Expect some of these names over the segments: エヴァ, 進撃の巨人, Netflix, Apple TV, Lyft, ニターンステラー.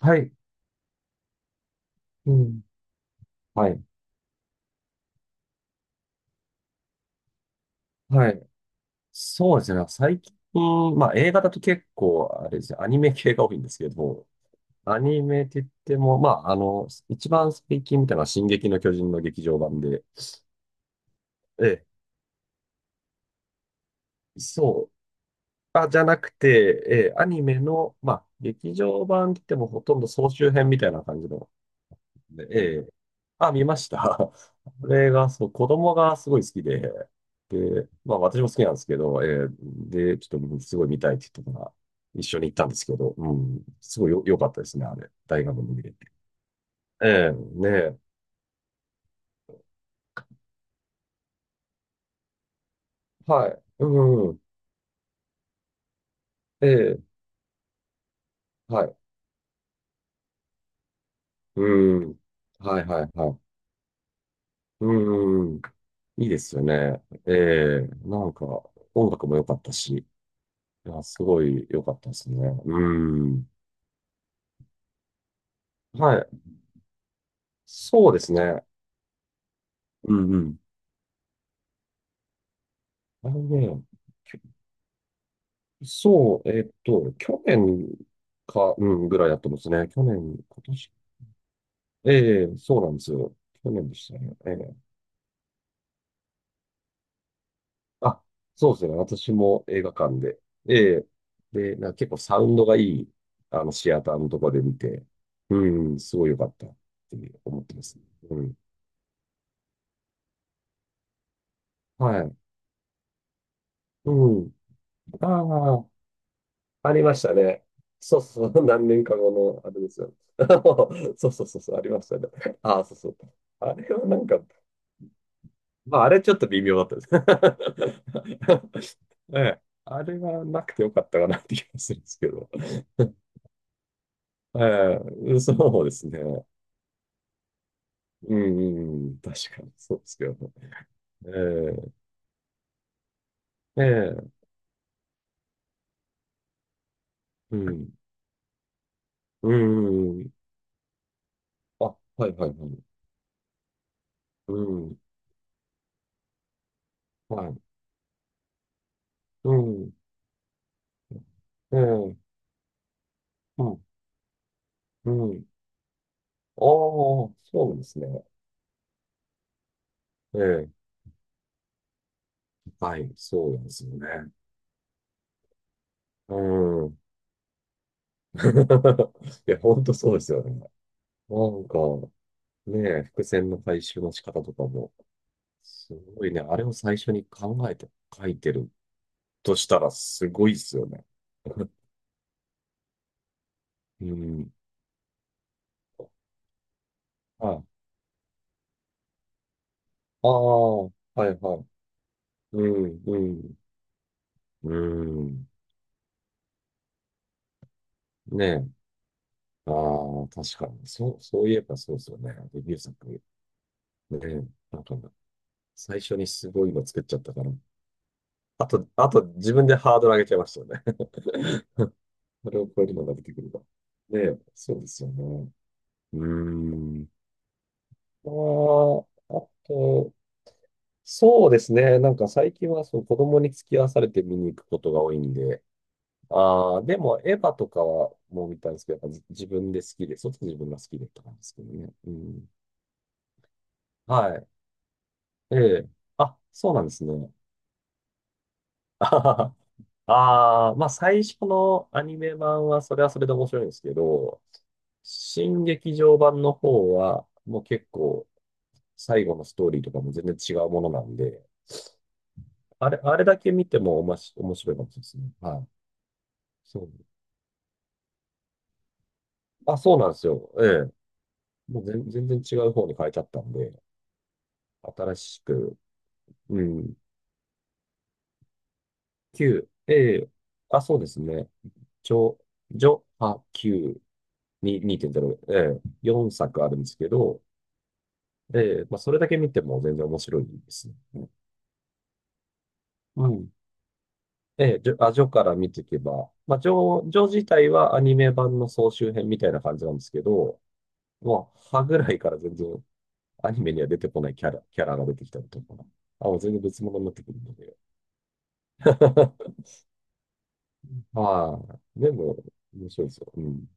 はい。うん。はい。はい。そうですね。最近、映画だと結構、あれですね、アニメ系が多いんですけど、アニメって言っても、一番最近見たのは進撃の巨人の劇場版で、ええ、そう、じゃなくて、ええ、アニメの、劇場版って言ってもほとんど総集編みたいな感じのでえ。あ、見ました。これが、そう、子供がすごい好きで、で、私も好きなんですけど、ええ、で、ちょっとすごい見たいって言ったから、一緒に行ったんですけど、うん、すごいよ、良かったですね、あれ。大学の見れて。ええ、ねえ。はい。うん、ええ、はい。うん。はいはいはい。うん。いいですよね。なんか、音楽も良かったし、いや、すごい良かったですね。うん。はい。そうですね。うんうん。あのね、きそう、去年か、うん、ぐらいだったんですね。去年、今年。ええ、そうなんですよ。去年でしたね。ええ。あ、そうですね。私も映画館で。ええ、で、なんか結構サウンドがいい、シアターのとこで見て、うん、すごい良かったって思ってます。うん。はい。うん。ああ、ありましたね。そうそう、何年か後のあれですよ。そうそうそうそう、ありましたね。ああ、そうそう。あれはなんか、あれちょっと微妙だったです。ええ、あれはなくてよかったかなって気がするんですけど。ええ、そうですね。うん、うんうん、確かにそうですけどね。ええ、ええ、うん、うん、うん。あ、はい、はい、はい。うん、はい、うん、ええ、うん、うん。ああ、そうなんですね。ええ、はい、そうなんですよね。うん。いや、ほんとそうですよね。なんか、ねえ、伏線の回収の仕方とかも、すごいね、あれを最初に考えて書いてるとしたら、すごいですよね。うん。はい。ああ、はいはい。うん、うん、うん。ねえ。ああ、確かに。そう、そういえばそうですよね。デビュー作。ねえ。なんか、最初にすごいの作っちゃったから。あと、あと自分でハードル上げちゃいましたよね。それを超えるのが出てくるか。ねえ、そうですよね。うーん。ああ、あと、そうですね。なんか最近はその子供に付き合わされて見に行くことが多いんで、ああ、でもエヴァとかはもう見たんですけど、やっぱ自分で好きで、そっち自分が好きでとかなんですけどね。うん。はい。ええ。あ、そうなんですね。あはは。はあー、最初のアニメ版はそれはそれで面白いんですけど、新劇場版の方は、もう結構、最後のストーリーとかも全然違うものなんで、あれだけ見てもおまし、面白いかもしれないですね。はい。そう。あ、そうなんですよ。ええ。もう全然違う方に変えちゃったんで、新しく、うん、9、ええ、あ、そうですね。ちょ、ジョ、ハ、9、に2.0、ええ、4作あるんですけど、ええ、それだけ見ても全然面白いですね。うん。ええ、ジョから見ていけば、ジョ、ジョ自体はアニメ版の総集編みたいな感じなんですけど、もう、歯ぐらいから全然アニメには出てこないキャラが出てきたりとか、あ、もう全然別物になってくるので。はい。でも、面白いですよ。うん。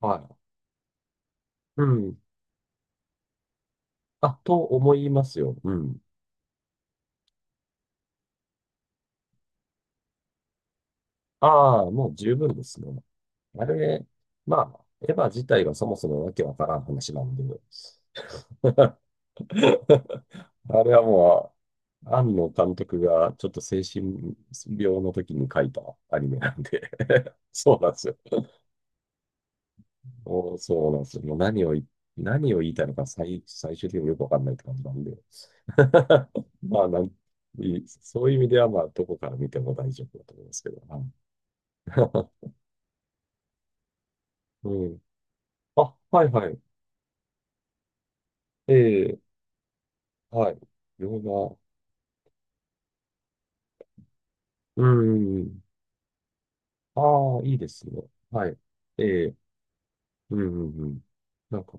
はい。うん。あ、と思いますよ。うん。ああ、もう十分ですね。あれ、エヴァ自体がそもそもわけわからん話なんで、あれはもう、庵野監督がちょっと精神病の時に書いたアニメなんで、 そうなんですよ。もうそうなんですよ。もう何をい、何を言いたいのか最終的によくわかんないって感じなんで。 まあなん、そういう意味では、どこから見ても大丈夫だと思いますけど。はい。 うん。あ、はいはい。ええ、はい。洋画。うん。ああ、いいですね。はい。ええ、うんうんうん。なんか、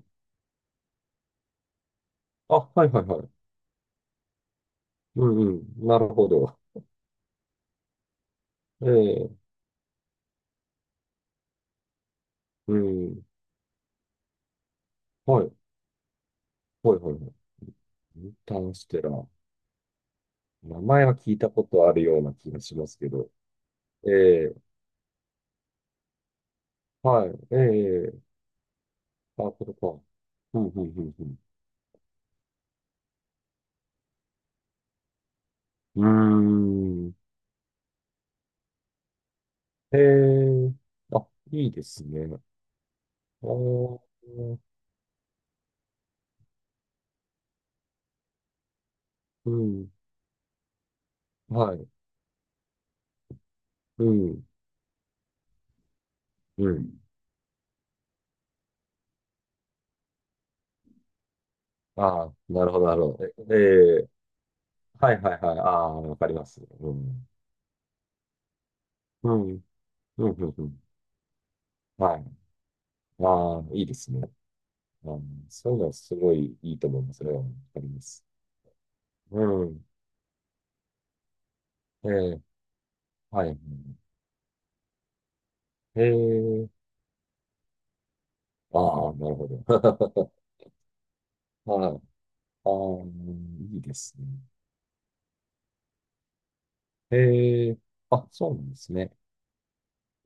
あ、はいはいはい。うんうん。なるほど。ええ、うん。はい。はいはいはい。ニターンステラー。名前は聞いたことあるような気がしますけど。ええ、はい。ええ、あ、これか。うんうんうん。うん。うーん。ええ、あ、いいですね。あー、うん。はい。うん。うん。ああ、なるほどなるほど。ええ、はいはいはい。ああ、わかります。うん。うん。うんうんうん。はい。ああ、いいですね。あー、そういうのはすごいいいと思います。それはわかります。うん。えー、はい。えー、ああ、なるほど。はい。ああ、いいですね。えー、あ、そうなんですね。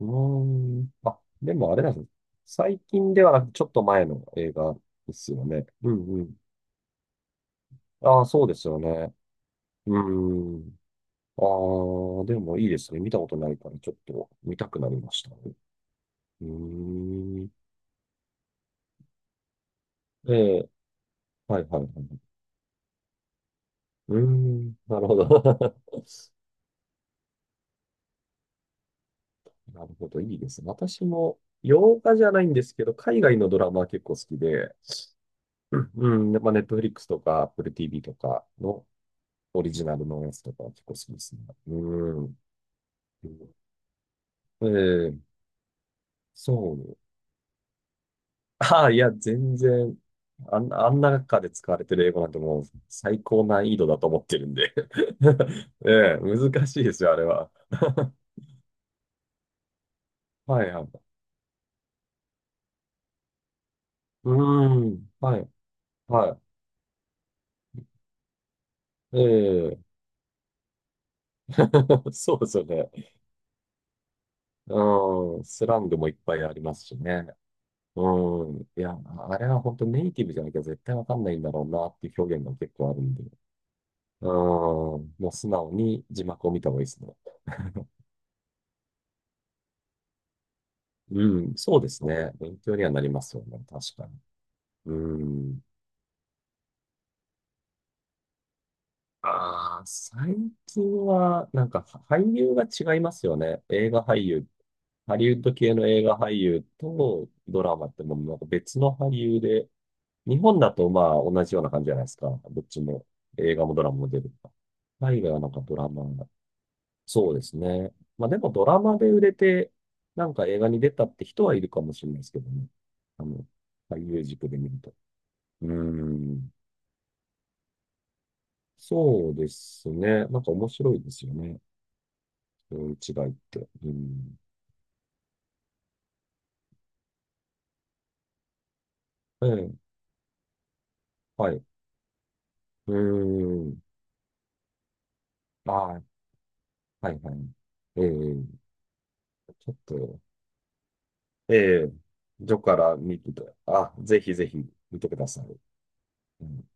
うーん。あ、でもあれなんですね。最近ではなく、ちょっと前の映画ですよね。うんうん。ああ、そうですよね。うーん。ああ、でもいいですね。見たことないから、ちょっと見たくなりました。うーん。ええ、はいはいはい。うーん、なるほど。なるほど、いいですね。私も、洋画じゃないんですけど、海外のドラマは結構好きで、うん、うん、ネットフリックスとか、Apple TV とかのオリジナルのやつとかは結構好きですね。うん。うん、ええ、そう。ああ、いや、全然、あんな中で使われてる英語なんてもう最高難易度だと思ってるんで。 ええ、難しいですよ、あれは。はいはい。うーん、はい。はい。ええ。 そうですよね。うん、スラングもいっぱいありますしね。うん、いや、あれは本当ネイティブじゃなきゃ絶対わかんないんだろうなっていう表現が結構あるんで。うん、もう素直に字幕を見た方がいいですね。うん、そうですね。勉強にはなりますよね。確かに。うん。ああ、最近は、なんか俳優が違いますよね。映画俳優。ハリウッド系の映画俳優とドラマってもうなんか別の俳優で、日本だとまあ同じような感じじゃないですか。どっちも映画もドラマも出るとか。海外はなんかドラマ、そうですね。まあでもドラマで売れて、なんか映画に出たって人はいるかもしれないですけどね。あの、俳優軸で見ると。うーん。そうですね。なんか面白いですよね。そういう違いって。うん。ええ、はい。うーん。ああ、はいはい。ええ、ちょっと、ええ、どこから見てた、あ、ぜひぜひ見てください。うん